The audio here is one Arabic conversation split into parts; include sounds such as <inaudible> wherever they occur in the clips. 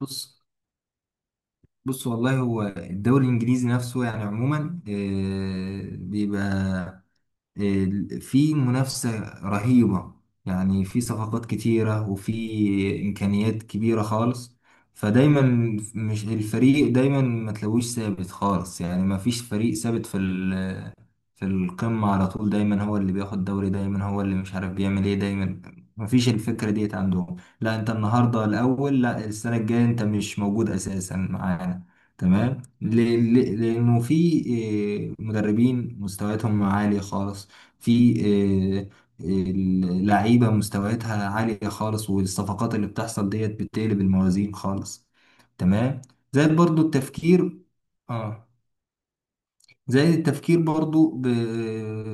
بص بص. والله هو الدوري الانجليزي نفسه، يعني عموما بيبقى في منافسة رهيبة. يعني في صفقات كتيرة وفي إمكانيات كبيرة خالص. فدايما مش الفريق دايما ما تلاقوش ثابت خالص، يعني ما فيش فريق ثابت في في القمة على طول. دايما هو اللي بياخد دوري، دايما هو اللي مش عارف بيعمل ايه، دايما ما فيش الفكرة ديت عندهم. لا انت النهاردة الأول، لا السنة الجاية انت مش موجود أساسا معانا. تمام. لأنه في مدربين مستوياتهم عالية خالص. في آه، آه، لعيبة مستوياتها عالية خالص، والصفقات اللي بتحصل ديت بتقلب الموازين خالص. تمام. زائد برضو التفكير اه زائد التفكير برضو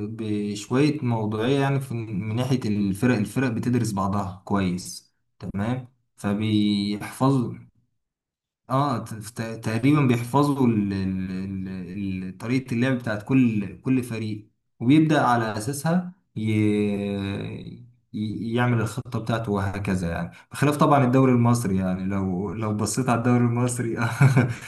بشوية موضوعية. يعني من ناحية الفرق بتدرس بعضها كويس. تمام. فبيحفظ اه ت- ت- تقريبا بيحفظوا طريقة اللعب بتاعت كل فريق، وبيبدأ على أساسها يعمل الخطة بتاعته، وهكذا. يعني بخلاف طبعا الدوري المصري، يعني لو بصيت على الدوري المصري. <laughs>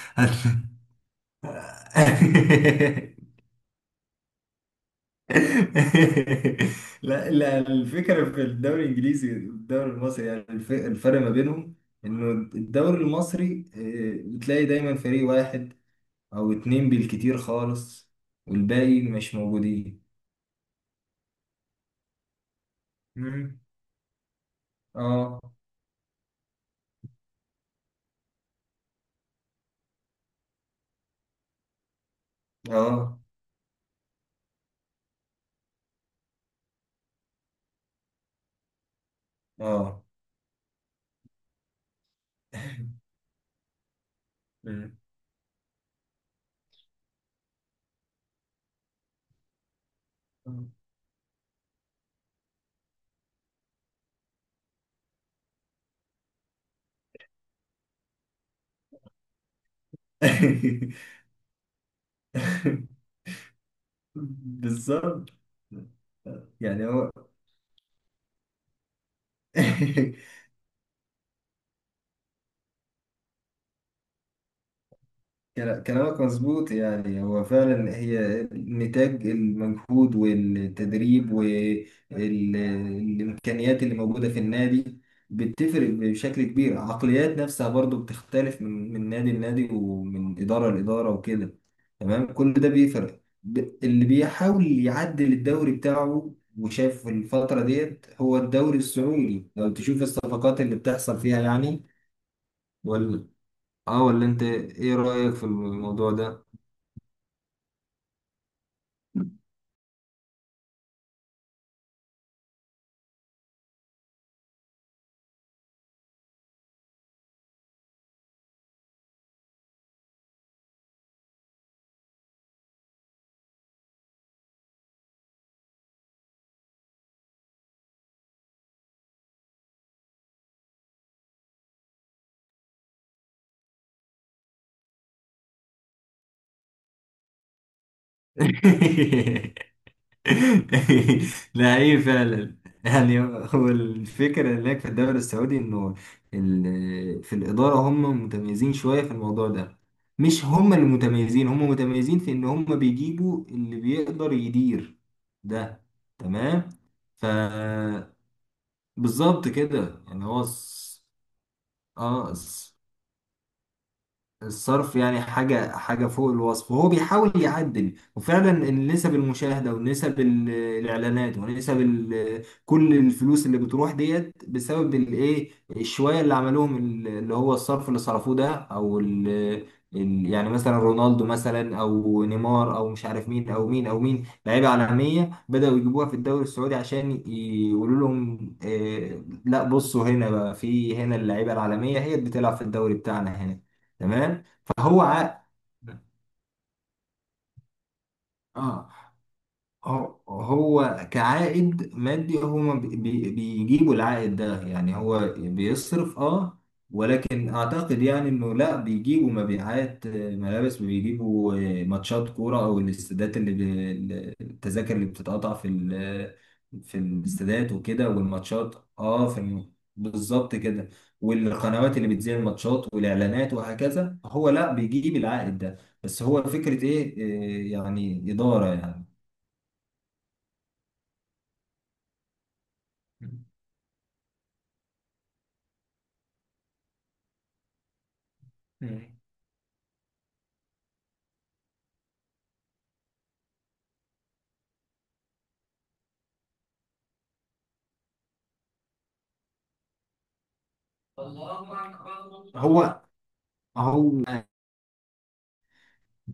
لا لا، الفكرة في الدوري الإنجليزي والدوري المصري، يعني الفرق ما بينهم إنه الدوري المصري بتلاقي دايما فريق واحد او اتنين بالكتير خالص، والباقي مش موجودين. مم. اه، اه، اه. <laughs> مم. <laughs> بالظبط. يعني هو. <laughs> كلامك مظبوط. يعني هو فعلا هي نتاج المجهود والتدريب والإمكانيات اللي موجودة في النادي، بتفرق بشكل كبير. عقليات نفسها برضو بتختلف من نادي لنادي، ومن إدارة لإدارة، وكده. تمام، كل ده بيفرق. اللي بيحاول يعدل الدوري بتاعه وشاف الفترة ديت هو الدوري السعودي، لو تشوف الصفقات اللي بتحصل فيها يعني. ولا اه ولا انت ايه رأيك في الموضوع ده؟ <laughs> لا، هي فعلا. يعني هو الفكرة هناك في الدوري السعودي إنه في الإدارة هم متميزين شوية في الموضوع ده. مش هم اللي متميزين، هم متميزين في إن هم بيجيبوا اللي بيقدر يدير ده. تمام. ف بالظبط كده. يعني هو اه الس- الصرف يعني حاجة حاجة فوق الوصف، وهو بيحاول يعدل. وفعلا النسب المشاهدة ونسب الإعلانات ونسب كل الفلوس اللي بتروح ديت بسبب الإيه، الشوية اللي عملوهم، اللي هو الصرف اللي صرفوه ده. يعني مثلا رونالدو مثلا، أو نيمار، أو مش عارف مين أو مين أو مين، لعيبة عالمية بدأوا يجيبوها في الدوري السعودي عشان يقولوا لهم لا بصوا، هنا بقى، في هنا اللعيبة العالمية هي اللي بتلعب في الدوري بتاعنا هنا. تمام. فهو ع... اه هو كعائد مادي، هما بيجيبوا العائد ده. يعني هو بيصرف، ولكن اعتقد يعني انه لا بيجيبوا مبيعات ملابس، بيجيبوا ماتشات كورة، او الاستادات اللي التذاكر اللي بتتقطع في في الاستادات وكده، والماتشات. بالظبط كده. والقنوات اللي بتذيع الماتشات والاعلانات وهكذا، هو لا بيجيب العائد ده بس، هو فكرة ايه، يعني إدارة يعني. مم. هو هو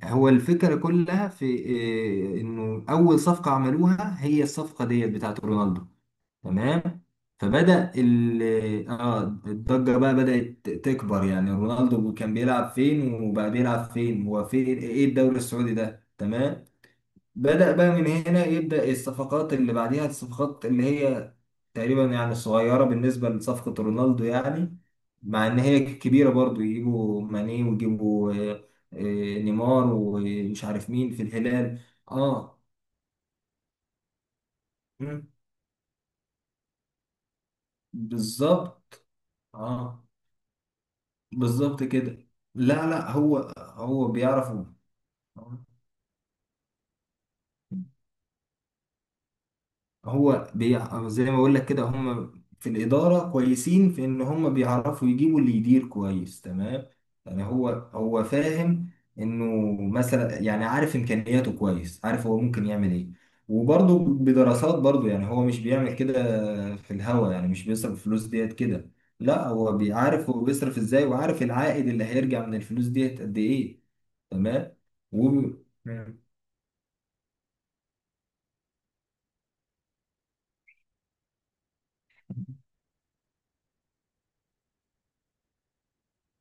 هو الفكرة كلها في إيه، انه اول صفقة عملوها هي الصفقة ديت بتاعت رونالدو. تمام. فبدأ ال اه الضجة بقى بدأت تكبر. يعني رونالدو كان بيلعب فين وبقى بيلعب فين، هو فين، ايه الدوري السعودي ده. تمام. بدأ بقى من هنا، يبدأ الصفقات اللي بعديها، الصفقات اللي هي تقريبا يعني صغيرة بالنسبة لصفقة رونالدو، يعني مع إن هي كبيرة برضو. يجيبوا ماني ويجيبوا آه، نيمار ومش عارف مين في الهلال. اه، مم، بالظبط. اه، بالظبط كده. لا لا، هو بيعرف. زي ما بقول لك كده، هم في الإدارة كويسين في إن هم بيعرفوا يجيبوا اللي يدير كويس. تمام. يعني هو فاهم إنه مثلا، يعني عارف إمكانياته كويس، عارف هو ممكن يعمل إيه. وبرضه بدراسات برضه، يعني هو مش بيعمل كده في الهوا. يعني مش بيصرف الفلوس ديت كده، لا هو بيعرف هو بيصرف إزاي، وعارف العائد اللي هيرجع من الفلوس ديت قد إيه. تمام. و...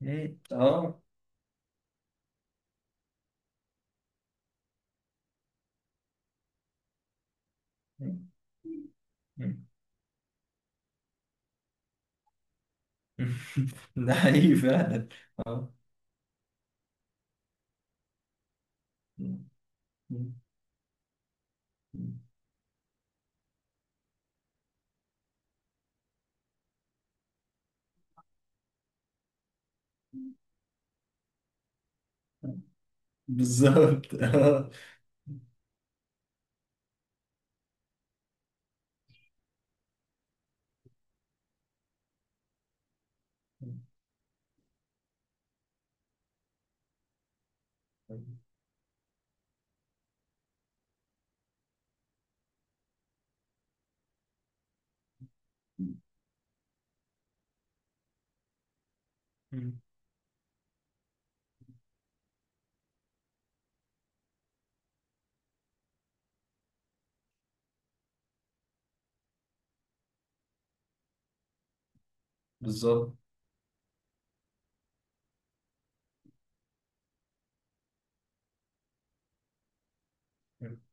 مم. آه. <laughs> ده حقيقي فعلا. اه، بالظبط. اه. <laughs> بالظبط.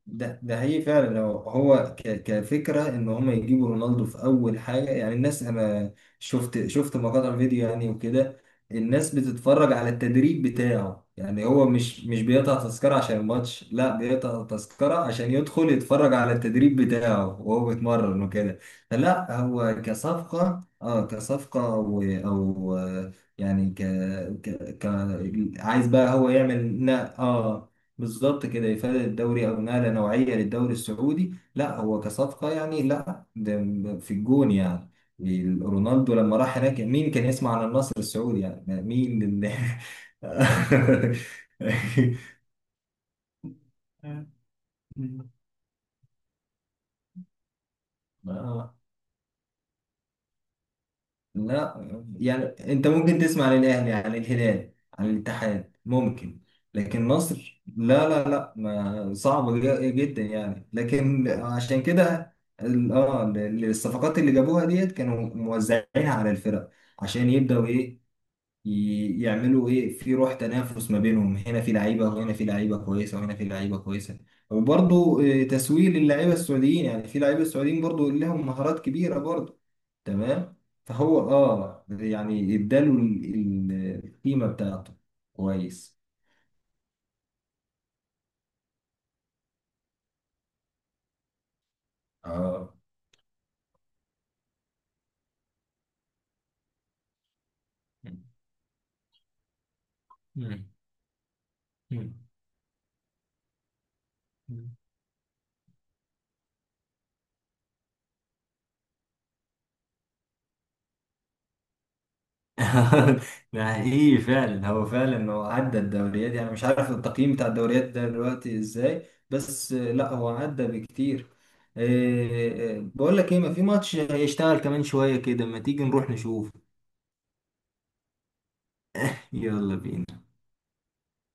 ده حقيقي فعلا. هو كفكره ان هم يجيبوا رونالدو في اول حاجه، يعني الناس، انا شفت مقاطع فيديو يعني وكده. الناس بتتفرج على التدريب بتاعه. يعني هو مش بيقطع تذكره عشان الماتش، لا بيقطع تذكره عشان يدخل يتفرج على التدريب بتاعه وهو بيتمرن وكده. فلا، هو كصفقه او يعني عايز بقى هو يعمل بالظبط كده، إفادة الدوري أو نقلة نوعية للدوري السعودي. لا هو كصفقة، يعني لا ده في الجون يعني. رونالدو لما راح هناك، مين كان يسمع عن النصر السعودي، يعني مين اللي... <laughs> <laughs> آه. لا، يعني انت ممكن تسمع عن الاهلي، عن الهلال، عن الاتحاد ممكن. لكن مصر لا لا لا، ما صعبة جدا يعني. لكن عشان كده الصفقات اللي جابوها ديت كانوا موزعينها على الفرق، عشان يبدأوا يعملوا ايه في روح تنافس ما بينهم، هنا في لعيبه وهنا في لعيبه كويسه وهنا في لعيبه كويسه. وبرضه تسويق للعيبه السعوديين. يعني في لعيبه السعوديين برضه لهم مهارات كبيره برضه. تمام. فهو يعني اداله القيمه بتاعته كويس. اه. مم. مم. <laughs> ده حقيقي فعلا. هو فعلا هو عدى الدوريات. يعني مش عارف التقييم بتاع الدوريات ده دلوقتي ازاي، بس لا هو عدى بكتير. بقول لك ايه، ما في ماتش، هيشتغل كمان شوية كده، ما تيجي نروح نشوف. يلا بينا.